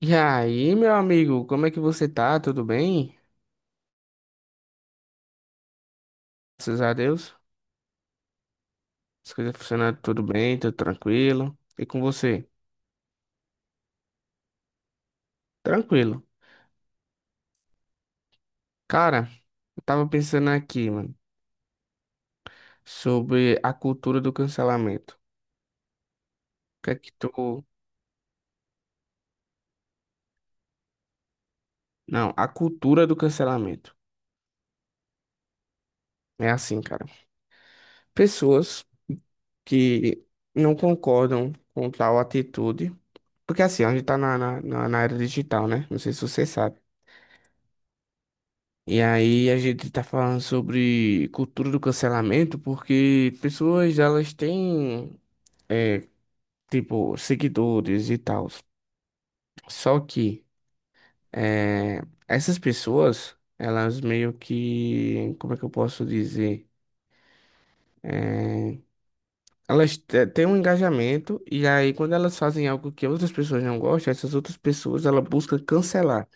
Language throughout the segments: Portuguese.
E aí, meu amigo, como é que você tá? Tudo bem? Graças a Deus. As coisas funcionando tudo bem, tudo tranquilo. E com você? Tranquilo. Cara, eu tava pensando aqui, mano, sobre a cultura do cancelamento. O que é que tu. Não, a cultura do cancelamento. É assim, cara. Pessoas que não concordam com tal atitude. Porque assim, a gente tá na era digital, né? Não sei se você sabe. E aí a gente tá falando sobre cultura do cancelamento porque pessoas elas têm é, tipo seguidores e tal. Só que é, essas pessoas elas meio que como é que eu posso dizer? É, elas têm um engajamento e aí quando elas fazem algo que outras pessoas não gostam, essas outras pessoas ela busca cancelar.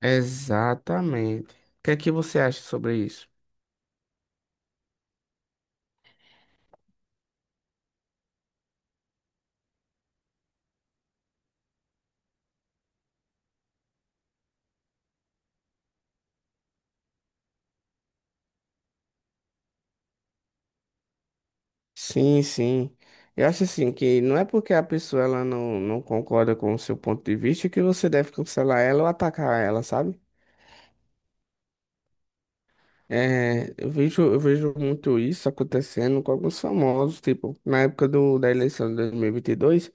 Exatamente. O que é que você acha sobre isso? Sim, sim. Eu acho assim que não é porque a pessoa ela não concorda com o seu ponto de vista que você deve cancelar ela ou atacar ela, sabe? É, eu vejo muito isso acontecendo com alguns famosos, tipo, na época da eleição de 2022,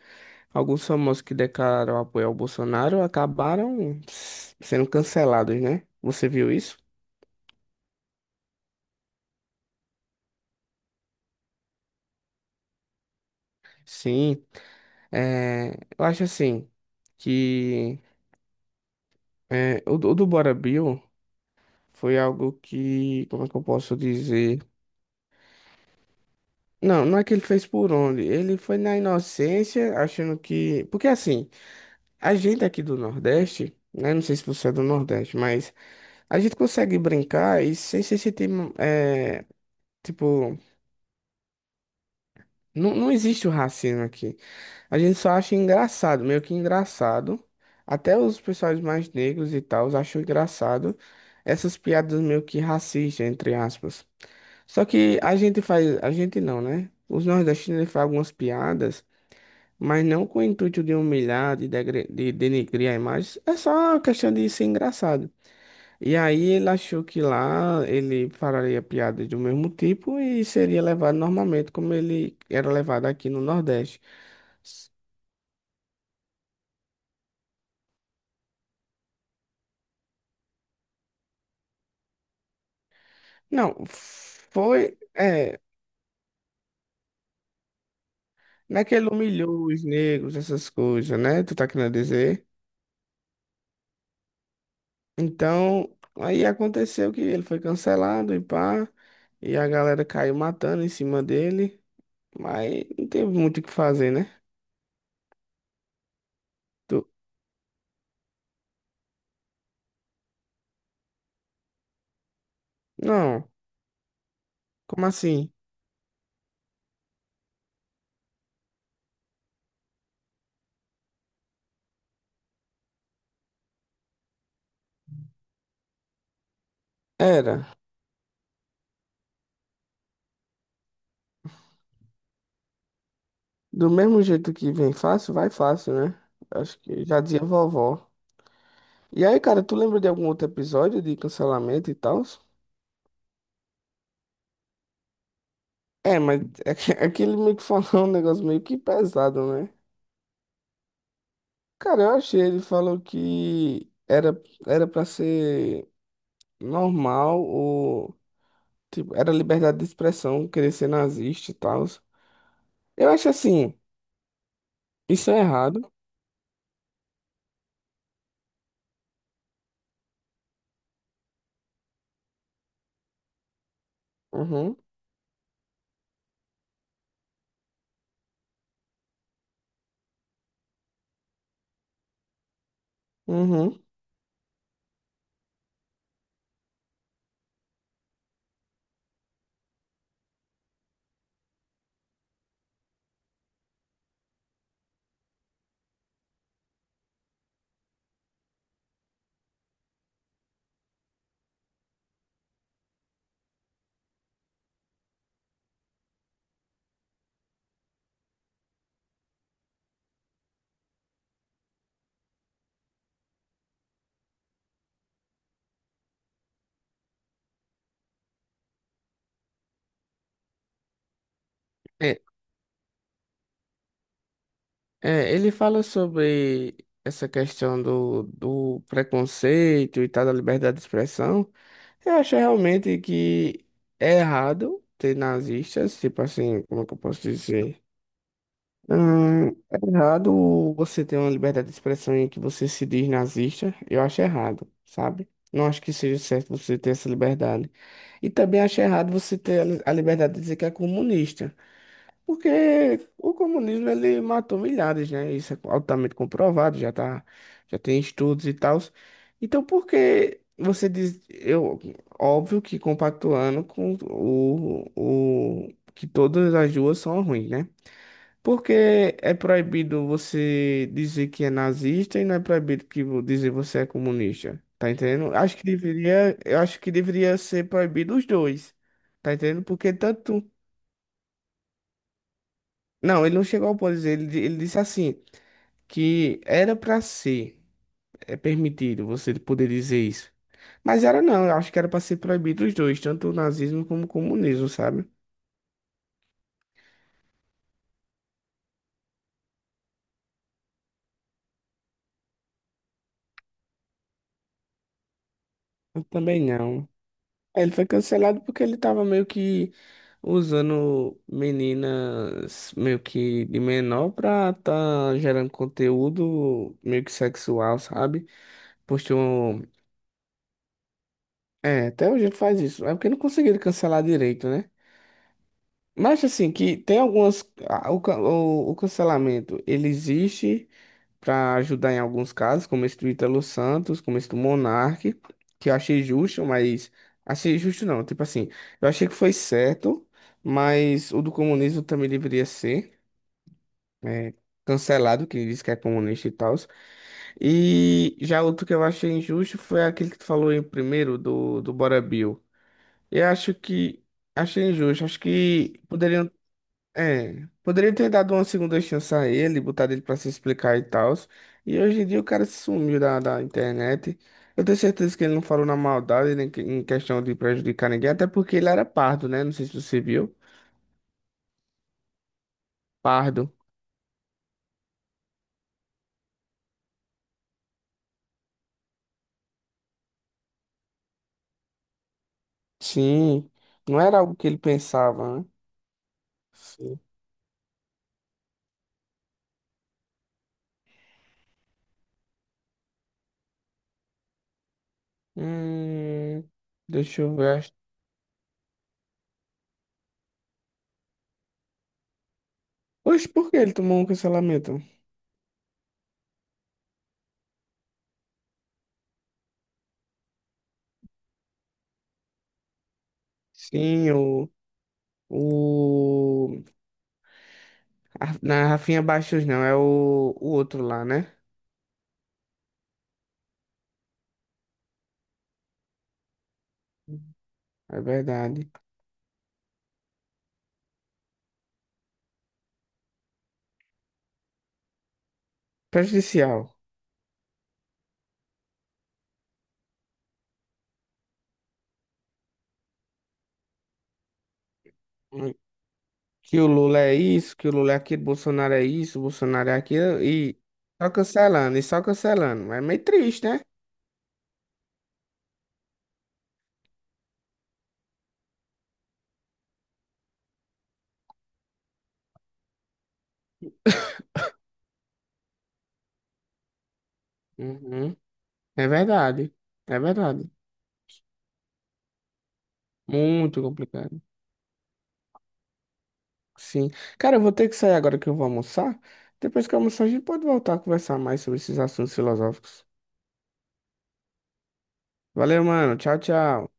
alguns famosos que declararam apoio ao Bolsonaro acabaram sendo cancelados, né? Você viu isso? Sim. É, eu acho assim que o do Bora Bill. Foi algo que, como é que eu posso dizer? Não, não é que ele fez por onde. Ele foi na inocência, achando que. Porque assim, a gente aqui do Nordeste, né? Não sei se você é do Nordeste, mas a gente consegue brincar e sem se sentir. É, tipo, não existe o racismo aqui. A gente só acha engraçado, meio que engraçado. Até os pessoais mais negros e tal acham engraçado essas piadas meio que racistas, entre aspas. Só que a gente faz, a gente não, né? Os nordestinos eles fazem algumas piadas, mas não com o intuito de humilhar, de, de denegrir a imagem, é só questão de ser engraçado. E aí ele achou que lá ele faria piadas do mesmo tipo e seria levado normalmente como ele era levado aqui no Nordeste. Não, foi, é, naquele humilhou os negros, essas coisas, né? Tu tá querendo dizer? Então, aí aconteceu que ele foi cancelado e pá, e a galera caiu matando em cima dele, mas não teve muito o que fazer, né? Tu- Não, como assim? Era. Do mesmo jeito que vem fácil, vai fácil, né? Acho que já dizia vovó. E aí, cara, tu lembra de algum outro episódio de cancelamento e tal? É, mas é que ele meio que falou um negócio meio que pesado, né? Cara, eu achei, ele falou que era para ser normal. Tipo, era liberdade de expressão, querer ser nazista e tal. Eu acho assim, isso é errado. Uhum, uhum. É, ele fala sobre essa questão do preconceito e tal, da liberdade de expressão. Eu acho realmente que é errado ter nazistas, tipo assim, como é que eu posso dizer? É errado você ter uma liberdade de expressão em que você se diz nazista. Eu acho errado, sabe? Não acho que seja certo você ter essa liberdade. E também acho errado você ter a a liberdade de dizer que é comunista. Porque o comunismo ele matou milhares, né? Isso é altamente comprovado, já tá, já tem estudos e tal. Então por que você diz, eu, óbvio que compactuando com o que todas as duas são ruins, né? Porque é proibido você dizer que é nazista e não é proibido que dizer você é comunista. Tá entendendo? Acho que deveria, eu acho que deveria ser proibido os dois. Tá entendendo? Porque tanto. Não, ele não chegou ao ponto de dizer, ele disse assim, que era pra ser permitido você poder dizer isso. Mas era não, eu acho que era pra ser proibido os dois, tanto o nazismo como o comunismo, sabe? Eu também não. Ele foi cancelado porque ele tava meio que usando meninas meio que de menor pra tá gerando conteúdo meio que sexual, sabe? Postou. É, até hoje ele faz isso. É porque não conseguiram cancelar direito, né? Mas assim, que tem algumas. O, o cancelamento, ele existe para ajudar em alguns casos, como esse do Ítalo Santos, como esse do Monark, que eu achei justo, mas achei justo não, tipo assim, eu achei que foi certo, mas o do comunismo também deveria ser é, cancelado, que diz que é comunista e tal. E já outro que eu achei injusto foi aquele que tu falou em primeiro do Bora Bill. Eu acho que achei injusto, acho que poderiam poderia ter dado uma segunda chance a ele, botado ele pra se explicar e tal. E hoje em dia o cara sumiu da internet. Eu tenho certeza que ele não falou na maldade, nem que- em questão de prejudicar ninguém, até porque ele era pardo, né? Não sei se você viu. Pardo. Sim, não era algo que ele pensava, né? Sim. Hum, deixa eu ver. Oxe, por que ele tomou um cancelamento? Sim, o. O. a- Não é Rafinha Baixos, não, é o outro lá, né? É verdade. Prejudicial. Que o Lula é isso, que o Lula é aquilo, Bolsonaro é isso, Bolsonaro é aquilo, e só cancelando, e só cancelando. É meio triste, né? Uhum. É verdade, é verdade. Muito complicado. Sim. Cara, eu vou ter que sair agora que eu vou almoçar. Depois que eu almoçar, a gente pode voltar a conversar mais sobre esses assuntos filosóficos. Valeu, mano. Tchau, tchau.